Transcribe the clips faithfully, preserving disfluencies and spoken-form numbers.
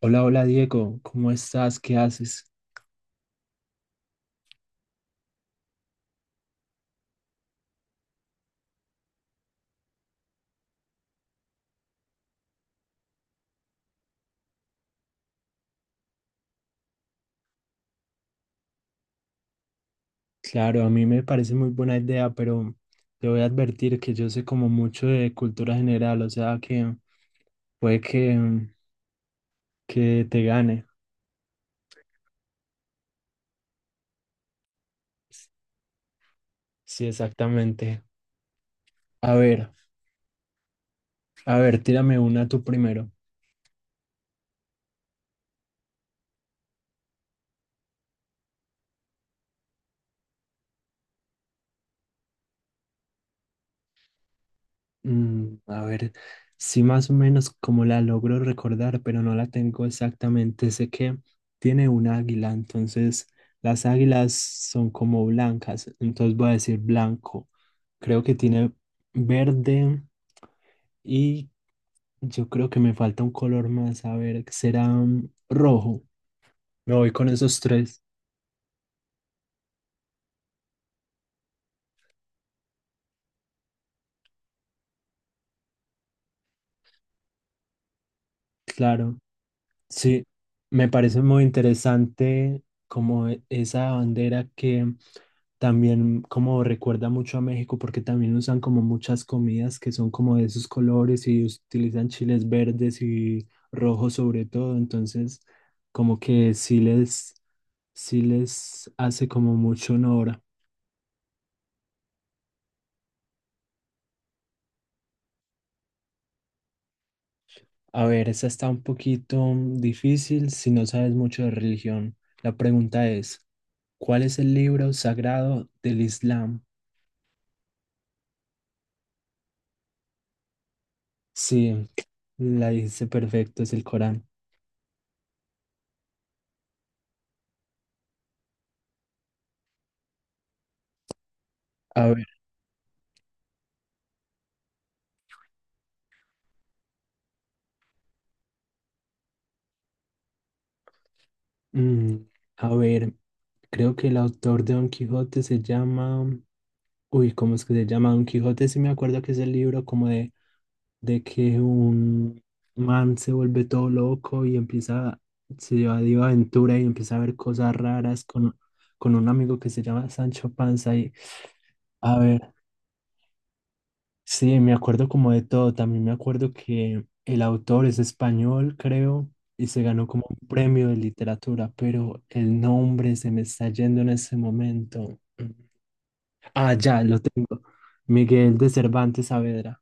Hola, hola Diego, ¿cómo estás? ¿Qué haces? Claro, a mí me parece muy buena idea, pero te voy a advertir que yo sé como mucho de cultura general, o sea que puede que, mm, que te gane. Sí, exactamente. A ver, a ver, tírame una tú primero. Mm, a ver, sí más o menos como la logro recordar, pero no la tengo exactamente. Sé que tiene un águila, entonces las águilas son como blancas, entonces voy a decir blanco. Creo que tiene verde y yo creo que me falta un color más. A ver, será mm, rojo. Me voy con esos tres, claro. Sí, me parece muy interesante como e- esa bandera que también como recuerda mucho a México porque también usan como muchas comidas que son como de esos colores y utilizan chiles verdes y rojos sobre todo. Entonces, como que sí les, sí les hace como mucho honor. A ver, esa está un poquito difícil si no sabes mucho de religión. La pregunta es, ¿cuál es el libro sagrado del Islam? Sí, la hice perfecto, es el Corán. A ver, mm, a ver. Creo que el autor de Don Quijote se llama, uy, ¿cómo es que se llama? Don Quijote, sí me acuerdo que es el libro como de, de que un man se vuelve todo loco y empieza, se va de aventura y empieza a ver cosas raras con, con un amigo que se llama Sancho Panza y, a ver, sí, me acuerdo como de todo, también me acuerdo que el autor es español, creo, y se ganó como un premio de literatura, pero el nombre se me está yendo en ese momento. Ah, ya lo tengo. Miguel de Cervantes Saavedra.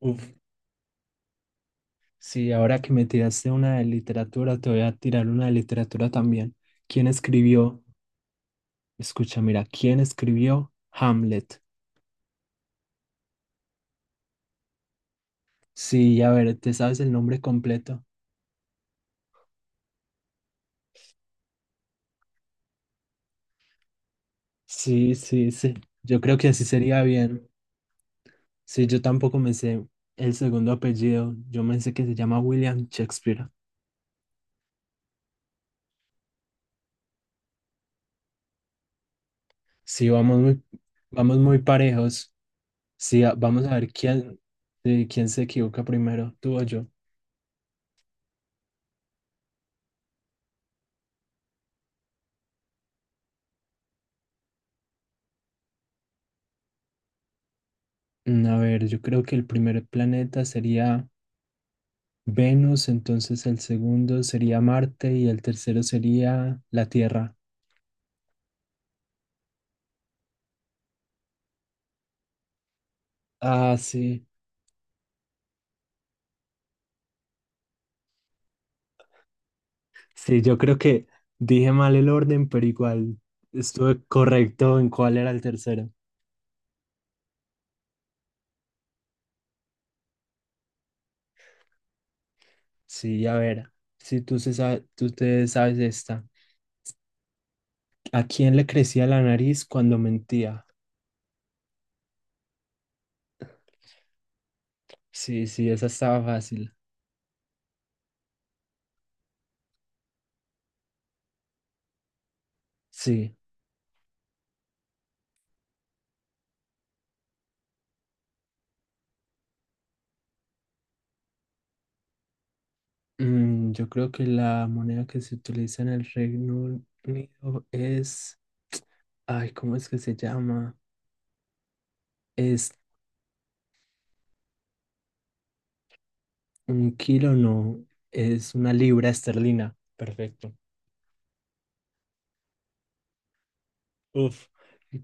Uf, sí, ahora que me tiraste una de literatura, te voy a tirar una de literatura también. ¿Quién escribió? Escucha, mira, ¿quién escribió Hamlet? Sí, a ver, ¿te sabes el nombre completo? Sí, sí, sí. Yo creo que así sería bien. Sí, yo tampoco me sé el segundo apellido. Yo me sé que se llama William Shakespeare. Sí, vamos muy, vamos muy parejos. Sí, a- vamos a ver quién, eh, quién se equivoca primero, tú o yo. Mm, A ver, yo creo que el primer planeta sería Venus, entonces el segundo sería Marte y el tercero sería la Tierra. Ah, sí. Sí, yo creo que dije mal el orden, pero igual estuve correcto en cuál era el tercero. Sí, a ver, si tú, se sa- tú te sabes esta. ¿A quién le crecía la nariz cuando mentía? Sí, sí, esa estaba fácil. Sí. Mm, yo creo que la moneda que se utiliza en el Reino Unido es, ay, ¿cómo es que se llama? Es un kilo, no, es una libra esterlina. Perfecto. Uf,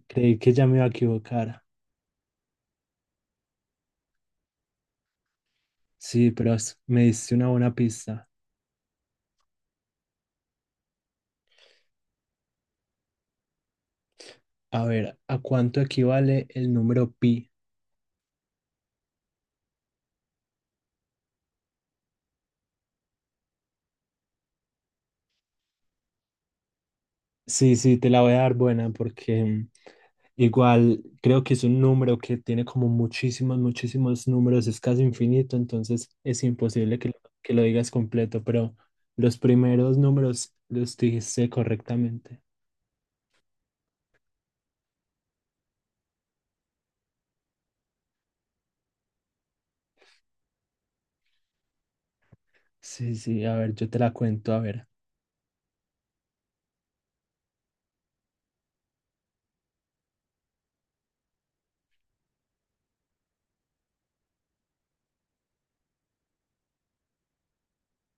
creí que ya me iba a equivocar. Sí, pero es- me diste una buena pista. A ver, ¿a cuánto equivale el número pi? Sí, sí, te la voy a dar buena porque igual, creo que es un número que tiene como muchísimos, muchísimos números, es casi infinito, entonces es imposible que lo, que lo digas completo, pero los primeros números los dijiste correctamente. Sí, sí, a ver, yo te la cuento, a ver.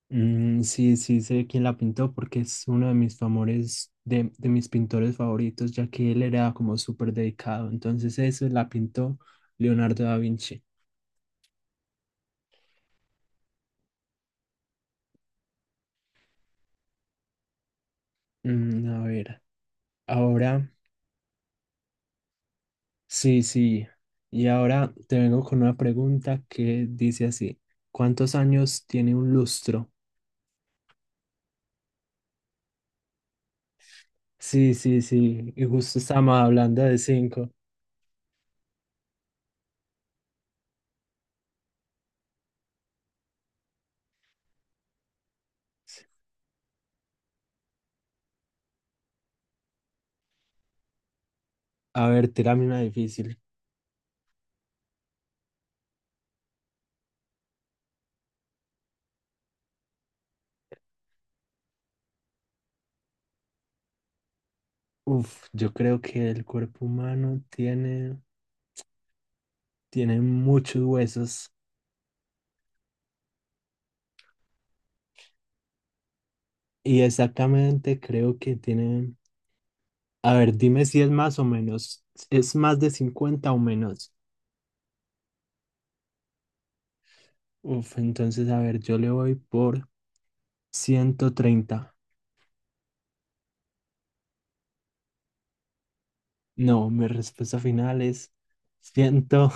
Mm, sí, sí, sé quién la pintó porque es uno de mis favores, de, de mis pintores favoritos, ya que él era como súper dedicado, entonces eso la pintó Leonardo da Vinci. Mm, a ver, ahora... Sí, sí. Y ahora te vengo con una pregunta que dice así, ¿cuántos años tiene un lustro? Sí, sí, sí. Y justo estamos hablando de cinco. A ver, tírame una difícil. Uf, yo creo que el cuerpo humano tiene, tiene muchos huesos. Y exactamente creo que tiene... A ver, dime si es más o menos. ¿Es más de cincuenta o menos? Uf, entonces, a ver, yo le voy por ciento treinta. No, mi respuesta final es ciento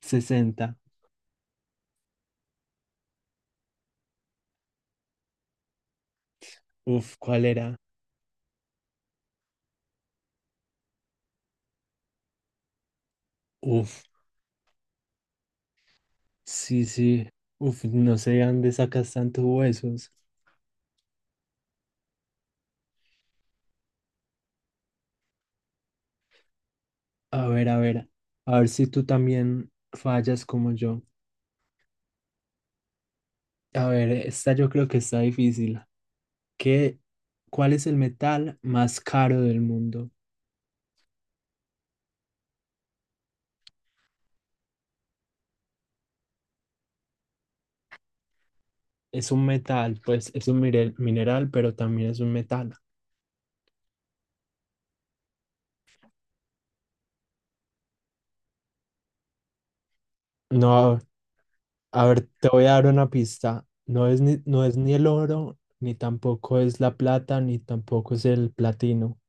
sesenta. Uf, ¿cuál era? Uf, sí, sí. Uf, no sé de dónde sacas tantos huesos. A ver, a ver. A ver si tú también fallas como yo. A ver, esta yo creo que está difícil. ¿Qué, cuál es el metal más caro del mundo? Es un metal, pues es un mire- mineral, pero también es un metal. No, a ver, te voy a dar una pista. No es ni, no es ni el oro, ni tampoco es la plata, ni tampoco es el platino.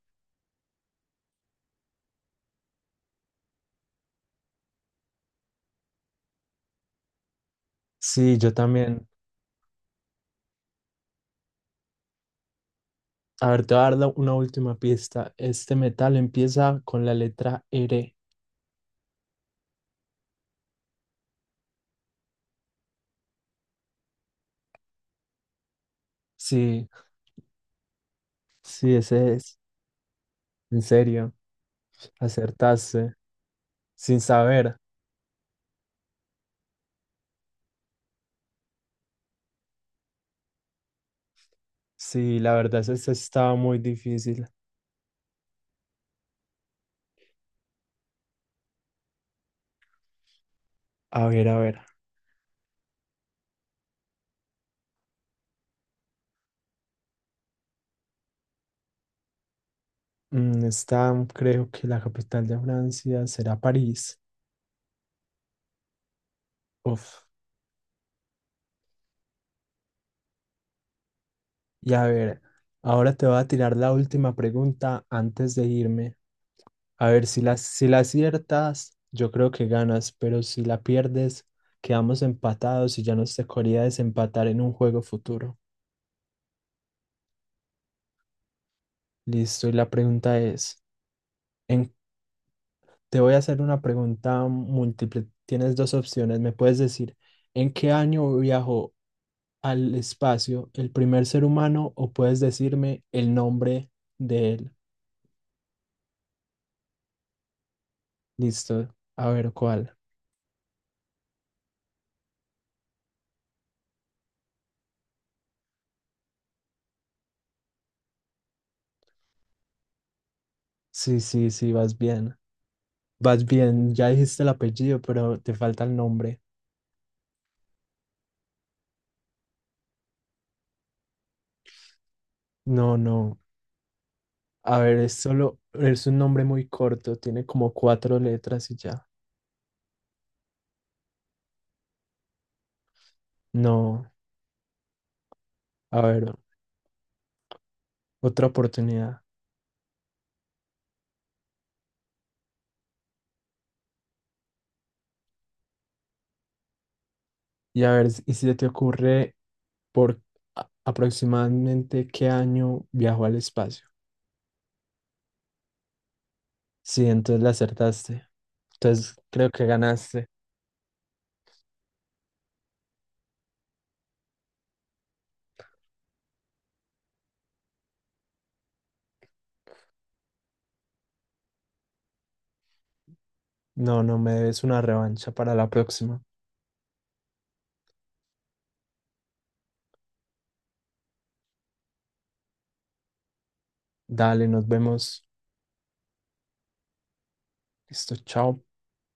Sí, yo también. A ver, te voy a dar la- una última pista. Este metal empieza con la letra R. Sí, sí, ese es. En serio, acertaste. Sin saber. Sí, la verdad es que estaba muy difícil. A ver, a ver. Mm, Está, creo que la capital de Francia será París. Uf. Y a ver, ahora te voy a tirar la última pregunta antes de irme. A ver, si la, si la, aciertas, yo creo que ganas, pero si la pierdes, quedamos empatados y ya nos tocaría desempatar en un juego futuro. Listo, y la pregunta es, en- te voy a hacer una pregunta múltiple. Tienes dos opciones. Me puedes decir, ¿en qué año viajó al espacio el primer ser humano? O puedes decirme el nombre de él. Listo, a ver cuál. Sí, sí, sí, vas bien. Vas bien, ya dijiste el apellido, pero te falta el nombre. No, no. A ver, es solo, es un nombre muy corto, tiene como cuatro letras y ya. No, a ver, otra oportunidad. Y a ver, ¿y si se te ocurre por a- aproximadamente qué año viajó al espacio? Sí, entonces la acertaste. Entonces creo que ganaste. No, no, me debes una revancha para la próxima. Dale, nos vemos. Listo, chao.